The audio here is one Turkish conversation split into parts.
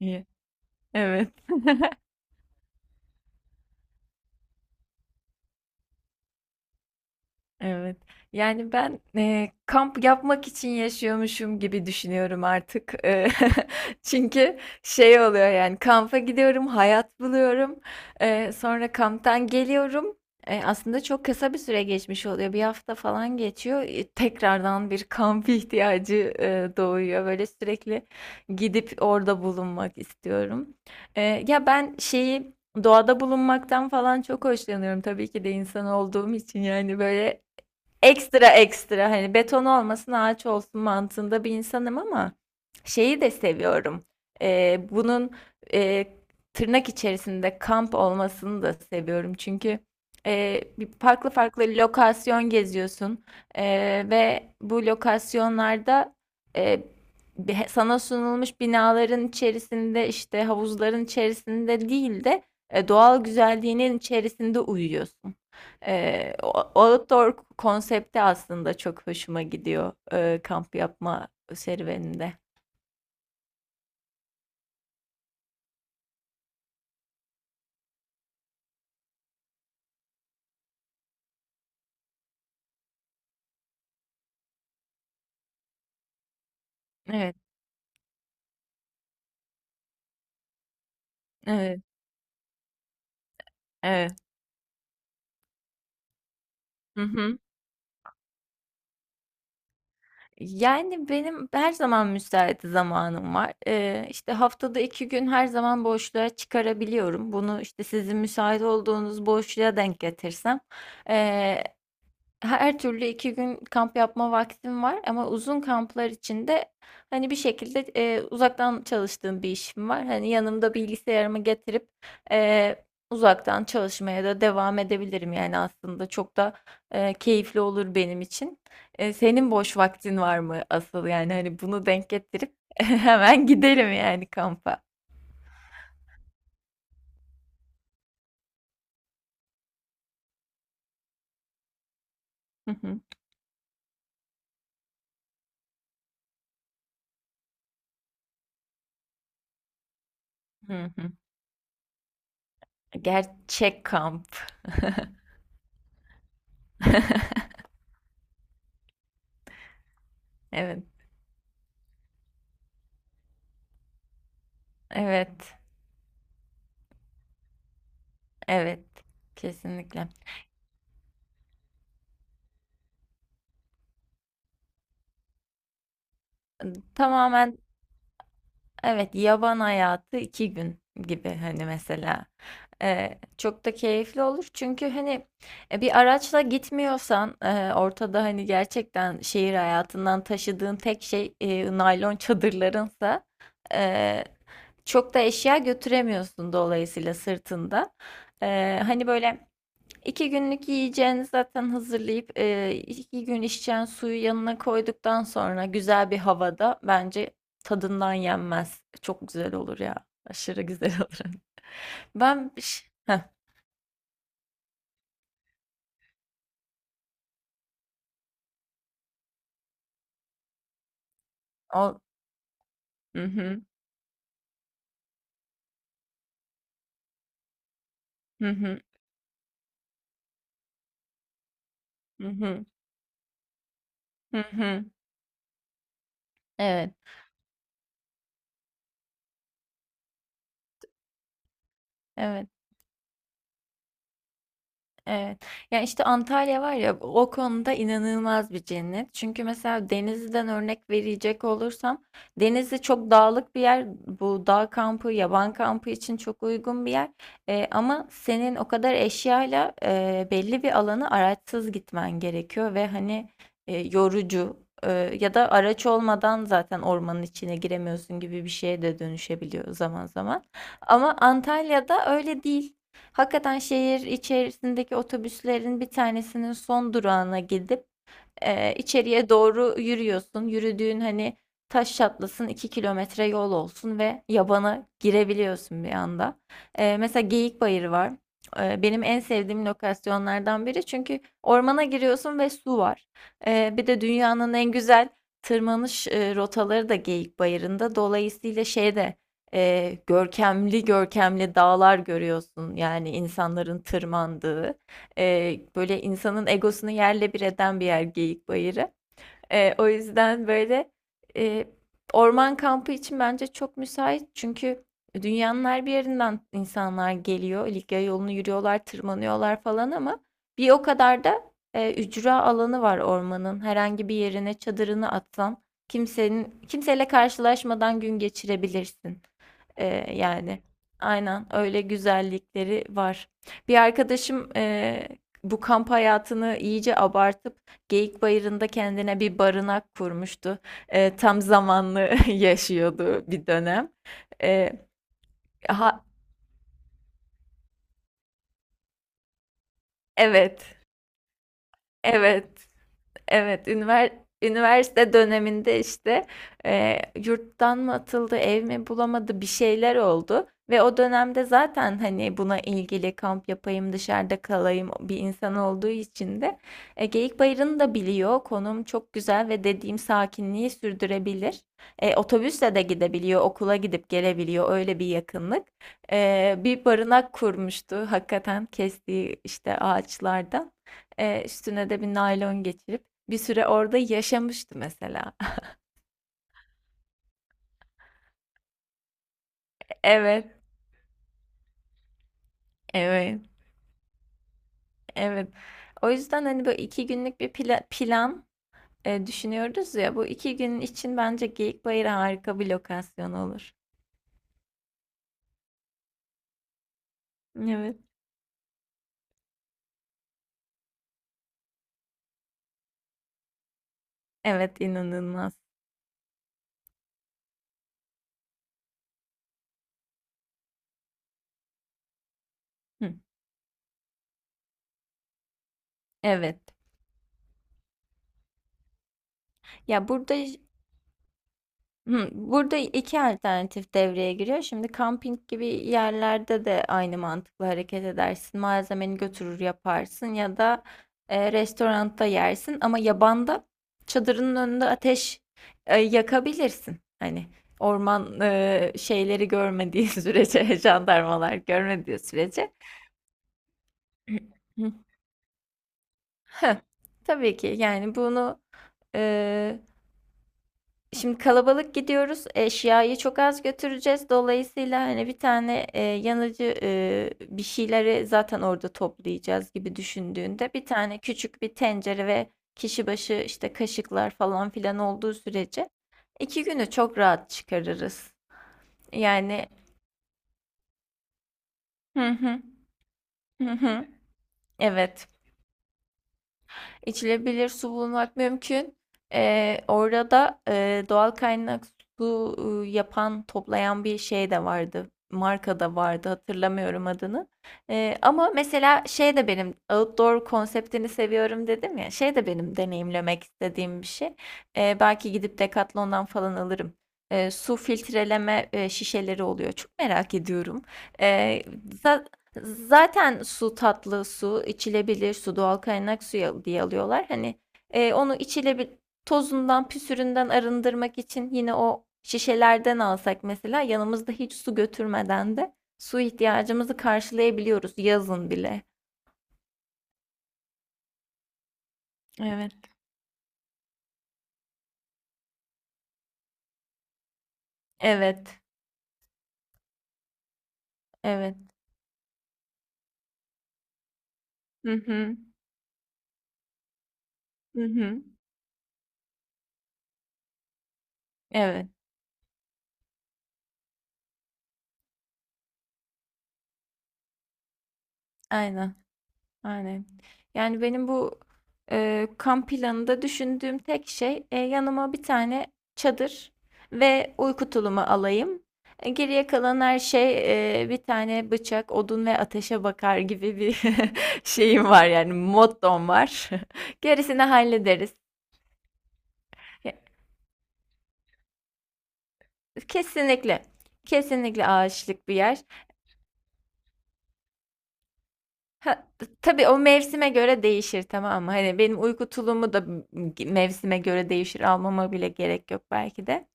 İyi. Evet. Evet. Yani ben, kamp yapmak için yaşıyormuşum gibi düşünüyorum artık. Çünkü şey oluyor yani kampa gidiyorum, hayat buluyorum. Sonra kamptan geliyorum. Aslında çok kısa bir süre geçmiş oluyor. Bir hafta falan geçiyor. Tekrardan bir kamp ihtiyacı doğuyor. Böyle sürekli gidip orada bulunmak istiyorum. Ya ben şeyi doğada bulunmaktan falan çok hoşlanıyorum. Tabii ki de insan olduğum için yani böyle ekstra ekstra hani beton olmasın ağaç olsun mantığında bir insanım ama şeyi de seviyorum. Bunun e, tırnak içerisinde kamp olmasını da seviyorum. Çünkü bir farklı farklı lokasyon geziyorsun. E, ve bu lokasyonlarda e, sana sunulmuş binaların içerisinde işte havuzların içerisinde değil de, doğal güzelliğinin içerisinde uyuyorsun. O outdoor konsepti aslında çok hoşuma gidiyor, kamp yapma serüveninde. Evet, evet, evet. Hı hı. Yani benim her zaman müsait zamanım var. İşte, haftada 2 gün her zaman boşluğa çıkarabiliyorum. Bunu işte, sizin müsait olduğunuz boşluğa denk getirsem, her türlü 2 gün kamp yapma vaktim var ama uzun kamplar içinde hani, bir şekilde, uzaktan çalıştığım bir işim var. Hani, yanımda bilgisayarımı getirip, eee, uzaktan çalışmaya da devam edebilirim. Yani, aslında çok da, keyifli olur benim için. Senin boş vaktin var mı asıl? Yani, hani, bunu denk getirip hemen gidelim yani, kampa. Hı hı. Hı hı. Gerçek kamp. Evet. Evet. Evet. Kesinlikle. Tamamen evet, yaban hayatı iki gün gibi hani mesela. Çok da keyifli olur çünkü hani, bir araçla gitmiyorsan, ortada hani gerçekten şehir hayatından taşıdığın tek şey naylon çadırlarınsa, e, çok da eşya götüremiyorsun dolayısıyla sırtında. Hani böyle. İki günlük yiyeceğini zaten hazırlayıp, iki gün içeceğin suyu yanına koyduktan sonra güzel bir havada bence tadından yenmez. Çok güzel olur ya. Aşırı güzel olur. Heh, o. Hı hı. Hı hı. Hı hı. Hı hı. Evet. Evet. Evet. Ya işte Antalya var ya, o konuda inanılmaz bir cennet. Çünkü mesela Denizli'den örnek verecek olursam, Denizli çok dağlık bir yer. Bu dağ kampı, yaban kampı için çok uygun bir yer. Ama senin o kadar eşyayla belli bir alanı araçsız gitmen gerekiyor ve hani e, yorucu e, ya da araç olmadan zaten ormanın içine giremiyorsun gibi bir şeye de dönüşebiliyor zaman zaman. Ama Antalya'da öyle değil. Hakikaten şehir içerisindeki otobüslerin bir tanesinin son durağına gidip içeriye doğru yürüyorsun. Yürüdüğün hani taş çatlasın 2 kilometre yol olsun ve yabana girebiliyorsun bir anda. Mesela Geyikbayırı var. Benim en sevdiğim lokasyonlardan biri çünkü ormana giriyorsun ve su var. Bir de dünyanın en güzel tırmanış rotaları da Geyik Bayırında. Dolayısıyla şeyde görkemli görkemli dağlar görüyorsun yani insanların tırmandığı. Böyle, insanın egosunu yerle bir eden bir yer, Geyikbayırı. O yüzden böyle, eee, orman kampı için bence çok müsait. Çünkü dünyanın her bir yerinden insanlar geliyor. Likya yolunu yürüyorlar, tırmanıyorlar falan ama bir o kadar da, ücra alanı var ormanın. Herhangi bir yerine çadırını atsan kimsenin kimseyle karşılaşmadan gün geçirebilirsin. Yani aynen öyle güzellikleri var. Bir arkadaşım, bu kamp hayatını iyice abartıp Geyikbayırı'nda kendine bir barınak kurmuştu. Tam zamanlı yaşıyordu bir dönem. Eee, ha evet, evet. Evet, üniversite döneminde, işte, yurttan mı atıldı, ev mi bulamadı, bir şeyler oldu ve o dönemde zaten, hani, buna ilgili kamp yapayım, dışarıda kalayım bir insan olduğu için de, Geyikbayırı'nı da biliyor. Konum çok güzel ve dediğim sakinliği sürdürebilir. Otobüsle de gidebiliyor, okula gidip gelebiliyor, öyle bir yakınlık. Bir barınak kurmuştu hakikaten kestiği, işte, ağaçlardan. Üstüne de bir naylon geçirip bir süre orada yaşamıştı mesela. Evet, evet, evet. O yüzden hani böyle iki günlük bir plan, düşünüyoruz ya. Bu iki gün için bence Geyikbayır harika bir lokasyon olur. Evet. Evet, inanılmaz. Hı, evet. Ya burada, hı, burada 2 alternatif devreye giriyor. Şimdi kamping gibi yerlerde de aynı mantıkla hareket edersin. Malzemeni götürür yaparsın ya da, restoranda yersin ama yabanda çadırının önünde ateş yakabilirsin. Hani orman şeyleri görmediği sürece, jandarmalar görmediği sürece. Hı. Tabii ki yani bunu, e, şimdi kalabalık gidiyoruz. Eşyayı çok az götüreceğiz. Dolayısıyla hani bir tane yanıcı bir şeyleri zaten orada toplayacağız gibi düşündüğünde bir tane küçük bir tencere ve kişi başı işte kaşıklar falan filan olduğu sürece iki günü çok rahat çıkarırız. Yani, hı hı, hı hı. Evet. İçilebilir su bulmak mümkün. Orada da doğal kaynak su yapan, toplayan bir şey de vardı. Marka da vardı, hatırlamıyorum adını. Ama mesela şey de, benim outdoor konseptini seviyorum dedim ya. Şey de benim deneyimlemek istediğim bir şey. Belki gidip Decathlon'dan falan alırım. Su filtreleme şişeleri oluyor. Çok merak ediyorum. Ee, za- Zaten su, tatlı su, içilebilir su, doğal kaynak suyu diye alıyorlar. Hani, onu tozundan, püsüründen arındırmak için yine o şişelerden alsak mesela, yanımızda hiç su götürmeden de su ihtiyacımızı karşılayabiliyoruz yazın bile. Evet. Evet, evet. Hı hı. Hı hı. Evet, aynen. Aynen. Yani benim bu kamp planında düşündüğüm tek şey, yanıma bir tane çadır ve uyku tulumu alayım. Geriye kalan her şey, bir tane bıçak, odun ve ateşe bakar gibi bir şeyim var, yani mottom var. Gerisini hallederiz. Ya, kesinlikle. Kesinlikle ağaçlık bir yer. Ha, tabii o mevsime göre değişir, tamam mı? Hani benim uyku tulumu da mevsime göre değişir. Almama bile gerek yok belki de.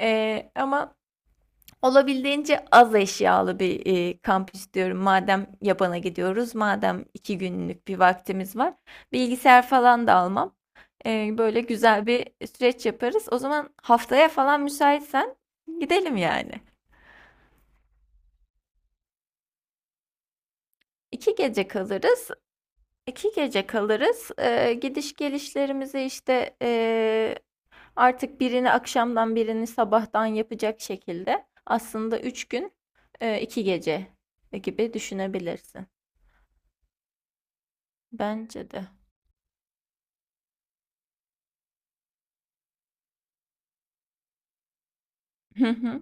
Ama olabildiğince az eşyalı bir kamp istiyorum. Madem yabana gidiyoruz, madem iki günlük bir vaktimiz var. Bilgisayar falan da almam. Böyle güzel bir süreç yaparız. O zaman haftaya falan müsaitsen gidelim yani. İki gece kalırız. 2 gece kalırız. Gidiş gelişlerimizi, işte, artık birini akşamdan birini sabahtan yapacak şekilde aslında 3 gün, 2 gece gibi düşünebilirsin. Bence de. Hı hı.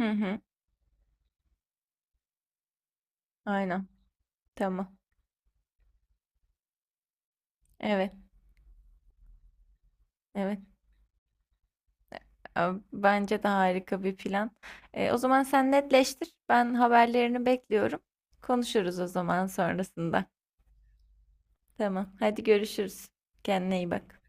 Hı hı. Aynen. Tamam. Evet, evet. A bence de harika bir plan. O zaman sen netleştir. Ben haberlerini bekliyorum. Konuşuruz o zaman sonrasında. Tamam. Hadi görüşürüz. Kendine iyi bak.